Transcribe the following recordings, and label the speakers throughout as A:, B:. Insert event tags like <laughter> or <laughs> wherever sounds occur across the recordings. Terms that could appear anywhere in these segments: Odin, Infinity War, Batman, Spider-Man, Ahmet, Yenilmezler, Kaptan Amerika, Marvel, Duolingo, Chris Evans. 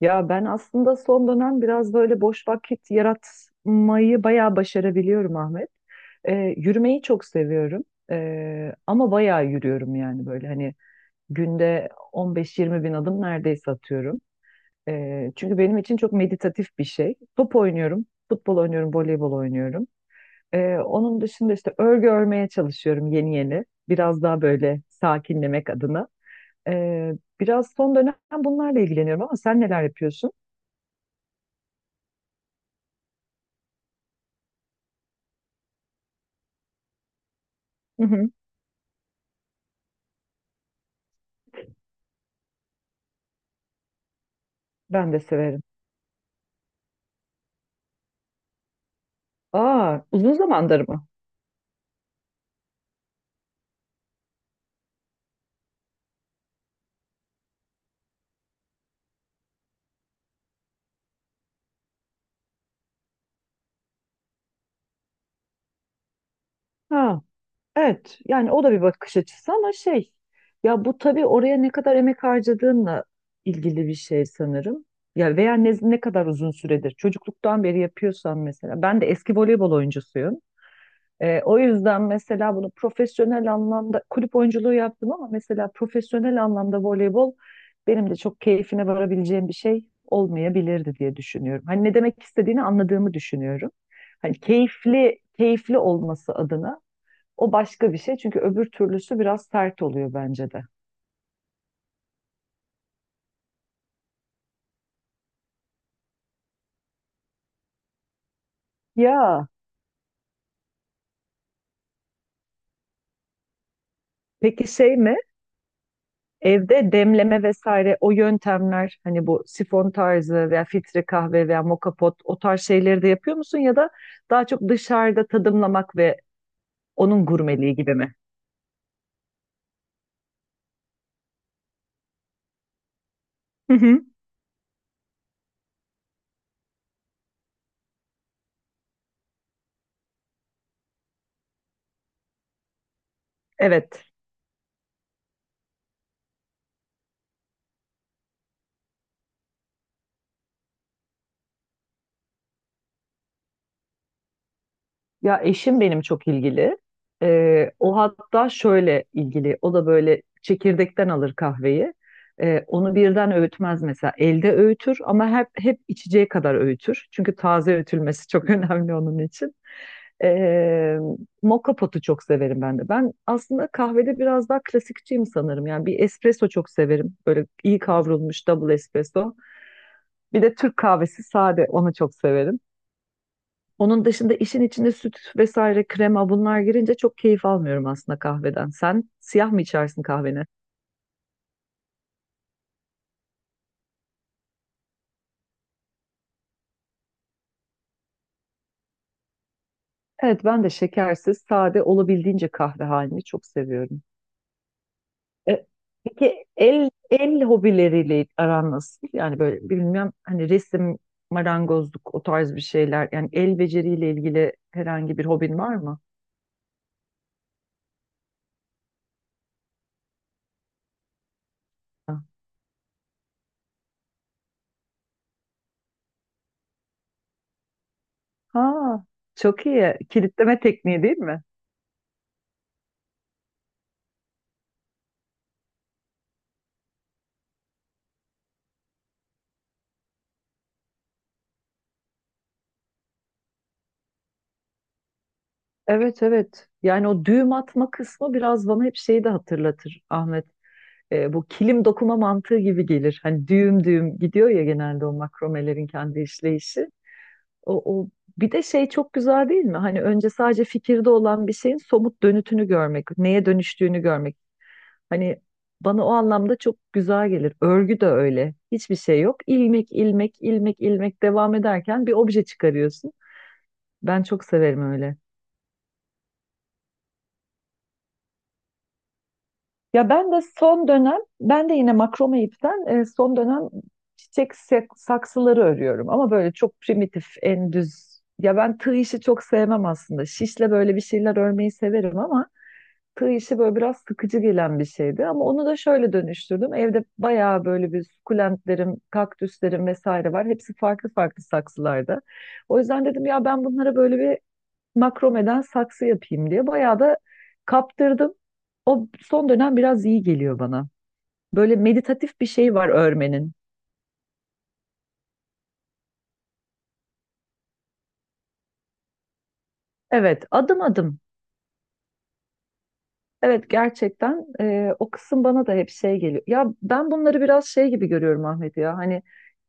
A: Ya ben aslında son dönem biraz böyle boş vakit yaratmayı bayağı başarabiliyorum Ahmet. Yürümeyi çok seviyorum. Ama bayağı yürüyorum, yani böyle hani günde 15-20 bin adım neredeyse atıyorum. Çünkü benim için çok meditatif bir şey. Top oynuyorum, futbol oynuyorum, voleybol oynuyorum. Onun dışında işte örgü örmeye çalışıyorum yeni yeni. Biraz daha böyle sakinlemek adına. Ee, Biraz son dönem bunlarla ilgileniyorum, ama sen neler yapıyorsun? <laughs> Ben de severim. Aa, uzun zamandır mı? Ha, evet. Yani o da bir bakış açısı, ama şey, ya bu tabii oraya ne kadar emek harcadığınla ilgili bir şey sanırım. Ya veya ne kadar uzun süredir çocukluktan beri yapıyorsan mesela. Ben de eski voleybol oyuncusuyum. O yüzden mesela bunu profesyonel anlamda kulüp oyunculuğu yaptım, ama mesela profesyonel anlamda voleybol benim de çok keyfine varabileceğim bir şey olmayabilirdi diye düşünüyorum. Hani ne demek istediğini anladığımı düşünüyorum. Hani keyifli keyifli olması adına o başka bir şey, çünkü öbür türlüsü biraz sert oluyor bence de. Ya peki şey mi? Evde demleme vesaire o yöntemler, hani bu sifon tarzı veya filtre kahve veya moka pot, o tarz şeyleri de yapıyor musun, ya da daha çok dışarıda tadımlamak ve onun gurmeliği gibi mi? Hı hı. Evet. Ya eşim benim çok ilgili. O hatta şöyle ilgili. O da böyle çekirdekten alır kahveyi. Onu birden öğütmez mesela. Elde öğütür, ama hep içeceği kadar öğütür. Çünkü taze öğütülmesi çok <laughs> önemli onun için. Ee, Moka potu çok severim ben de. Ben aslında kahvede biraz daha klasikçiyim sanırım. Yani bir espresso çok severim. Böyle iyi kavrulmuş double espresso. Bir de Türk kahvesi sade, onu çok severim. Onun dışında işin içinde süt vesaire, krema, bunlar girince çok keyif almıyorum aslında kahveden. Sen siyah mı içersin kahveni? Evet, ben de şekersiz sade, olabildiğince kahve halini çok seviyorum. E, Peki el hobileriyle aran nasıl? Yani böyle bilmem hani resim, marangozluk, o tarz bir şeyler. Yani el beceriyle ilgili herhangi bir hobin var mı? Ha, çok iyi. Kilitleme tekniği değil mi? Evet evet. Yani o düğüm atma kısmı biraz bana hep şeyi de hatırlatır Ahmet. Bu kilim dokuma mantığı gibi gelir. Hani düğüm düğüm gidiyor ya genelde, o makromelerin kendi işleyişi. O bir de şey, çok güzel değil mi? Hani önce sadece fikirde olan bir şeyin somut dönütünü görmek, neye dönüştüğünü görmek. Hani bana o anlamda çok güzel gelir. Örgü de öyle. Hiçbir şey yok. İlmek, ilmek, ilmek, ilmek devam ederken bir obje çıkarıyorsun. Ben çok severim öyle. Ya ben de son dönem, ben de yine makrome ipten son dönem çiçek saksıları örüyorum. Ama böyle çok primitif, en düz. Ya ben tığ işi çok sevmem aslında. Şişle böyle bir şeyler örmeyi severim, ama tığ işi böyle biraz sıkıcı gelen bir şeydi, ama onu da şöyle dönüştürdüm. Evde bayağı böyle bir sukulentlerim, kaktüslerim vesaire var. Hepsi farklı farklı saksılarda. O yüzden dedim ya, ben bunlara böyle bir makromeden saksı yapayım diye bayağı da kaptırdım. O son dönem biraz iyi geliyor bana. Böyle meditatif bir şey var örmenin. Evet, adım adım. Evet, gerçekten o kısım bana da hep şey geliyor. Ya ben bunları biraz şey gibi görüyorum Ahmet ya. Hani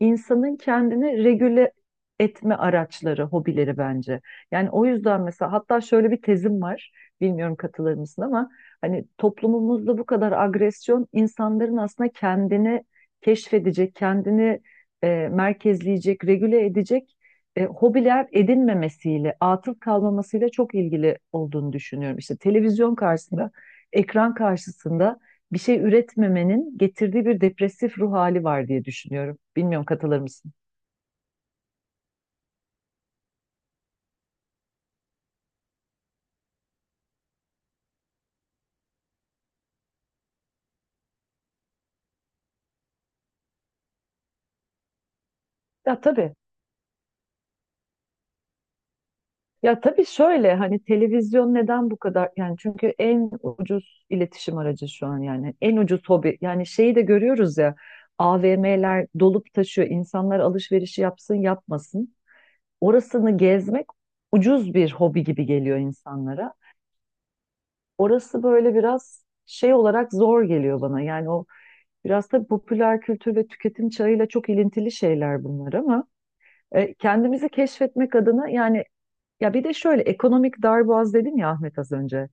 A: insanın kendini regüle etme araçları, hobileri bence. Yani o yüzden mesela, hatta şöyle bir tezim var. Bilmiyorum katılır mısın ama, hani toplumumuzda bu kadar agresyon, insanların aslında kendini keşfedecek, kendini merkezleyecek, regüle edecek hobiler edinmemesiyle, atıl kalmamasıyla çok ilgili olduğunu düşünüyorum. İşte televizyon karşısında, ekran karşısında bir şey üretmemenin getirdiği bir depresif ruh hali var diye düşünüyorum. Bilmiyorum katılır mısın? Ya tabii. Ya tabii, şöyle hani televizyon neden bu kadar, yani çünkü en ucuz iletişim aracı şu an, yani en ucuz hobi, yani şeyi de görüyoruz ya, AVM'ler dolup taşıyor, insanlar alışverişi yapsın yapmasın orasını gezmek ucuz bir hobi gibi geliyor insanlara, orası böyle biraz şey olarak zor geliyor bana yani o. Biraz tabii popüler kültür ve tüketim çağıyla çok ilintili şeyler bunlar, ama kendimizi keşfetmek adına yani, ya bir de şöyle ekonomik darboğaz dedim ya Ahmet az önce.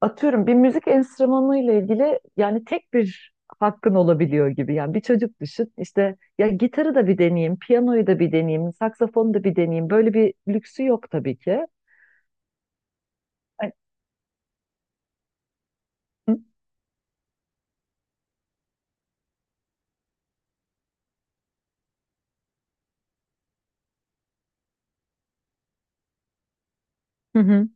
A: Atıyorum bir müzik enstrümanı ile ilgili, yani tek bir hakkın olabiliyor gibi. Yani bir çocuk düşün, işte ya gitarı da bir deneyeyim, piyanoyu da bir deneyeyim, saksafonu da bir deneyeyim. Böyle bir lüksü yok tabii ki. Ay, hı hı.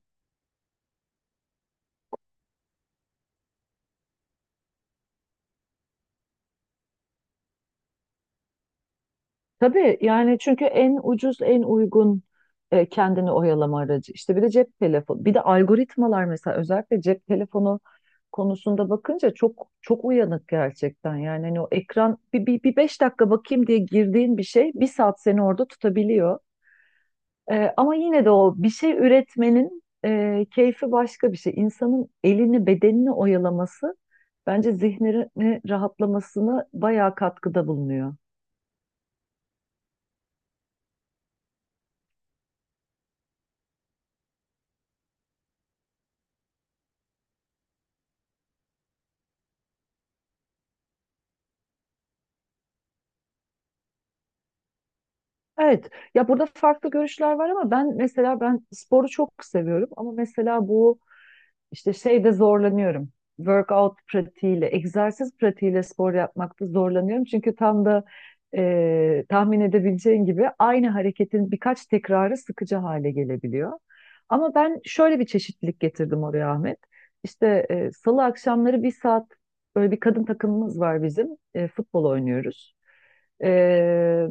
A: Tabii, yani çünkü en ucuz, en uygun kendini oyalama aracı. İşte bir de cep telefonu, bir de algoritmalar, mesela özellikle cep telefonu konusunda bakınca çok çok uyanık gerçekten. Yani hani o ekran bir 5 dakika bakayım diye girdiğin bir şey bir saat seni orada tutabiliyor. Ama yine de o bir şey üretmenin keyfi başka bir şey. İnsanın elini, bedenini oyalaması bence zihnini rahatlamasına bayağı katkıda bulunuyor. Evet. Ya burada farklı görüşler var, ama ben mesela, ben sporu çok seviyorum, ama mesela bu işte şeyde zorlanıyorum. Workout pratiğiyle, egzersiz pratiğiyle spor yapmakta zorlanıyorum. Çünkü tam da tahmin edebileceğin gibi aynı hareketin birkaç tekrarı sıkıcı hale gelebiliyor. Ama ben şöyle bir çeşitlilik getirdim oraya Ahmet. İşte salı akşamları bir saat böyle bir kadın takımımız var bizim. E, futbol oynuyoruz. E,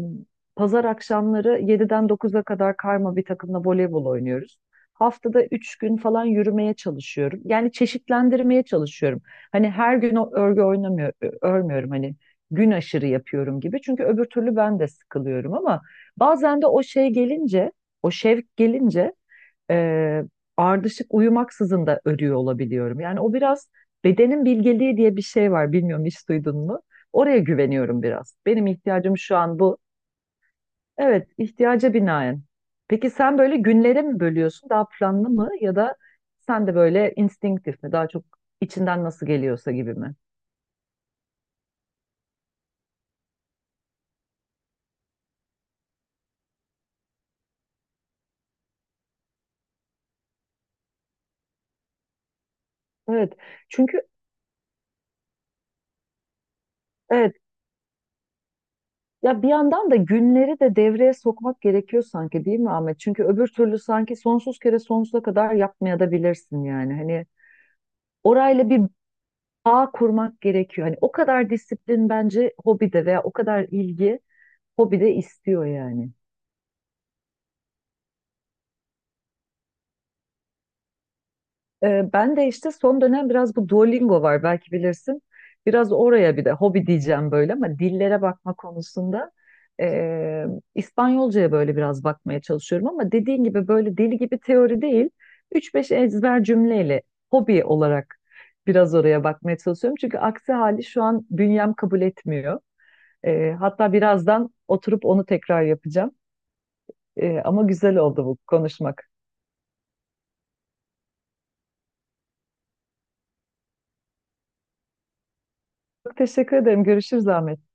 A: Pazar akşamları 7'den 9'a kadar karma bir takımla voleybol oynuyoruz. Haftada 3 gün falan yürümeye çalışıyorum. Yani çeşitlendirmeye çalışıyorum. Hani her gün o örgü oynamıyor, örmüyorum, hani gün aşırı yapıyorum gibi. Çünkü öbür türlü ben de sıkılıyorum, ama bazen de o şey gelince, o şevk gelince e, ardışık uyumaksızın da örüyor olabiliyorum. Yani o biraz bedenin bilgeliği diye bir şey var. Bilmiyorum hiç duydun mu? Oraya güveniyorum biraz. Benim ihtiyacım şu an bu. Evet, ihtiyaca binaen. Peki sen böyle günlere mi bölüyorsun, daha planlı mı, ya da sen de böyle instinktif mi, daha çok içinden nasıl geliyorsa gibi mi? Evet, çünkü evet, ya bir yandan da günleri de devreye sokmak gerekiyor sanki, değil mi Ahmet? Çünkü öbür türlü sanki sonsuz kere sonsuza kadar yapmaya da bilirsin yani. Hani orayla bir bağ kurmak gerekiyor. Hani o kadar disiplin bence hobide, veya o kadar ilgi hobide istiyor yani. Ben de işte son dönem biraz bu Duolingo var, belki bilirsin. Biraz oraya bir de hobi diyeceğim böyle, ama dillere bakma konusunda ee, İspanyolcaya böyle biraz bakmaya çalışıyorum, ama dediğin gibi böyle deli gibi teori değil. 3-5 ezber cümleyle hobi olarak biraz oraya bakmaya çalışıyorum. Çünkü aksi hali şu an bünyem kabul etmiyor. Hatta birazdan oturup onu tekrar yapacağım. Ama güzel oldu bu konuşmak. Çok teşekkür ederim. Görüşürüz Ahmet.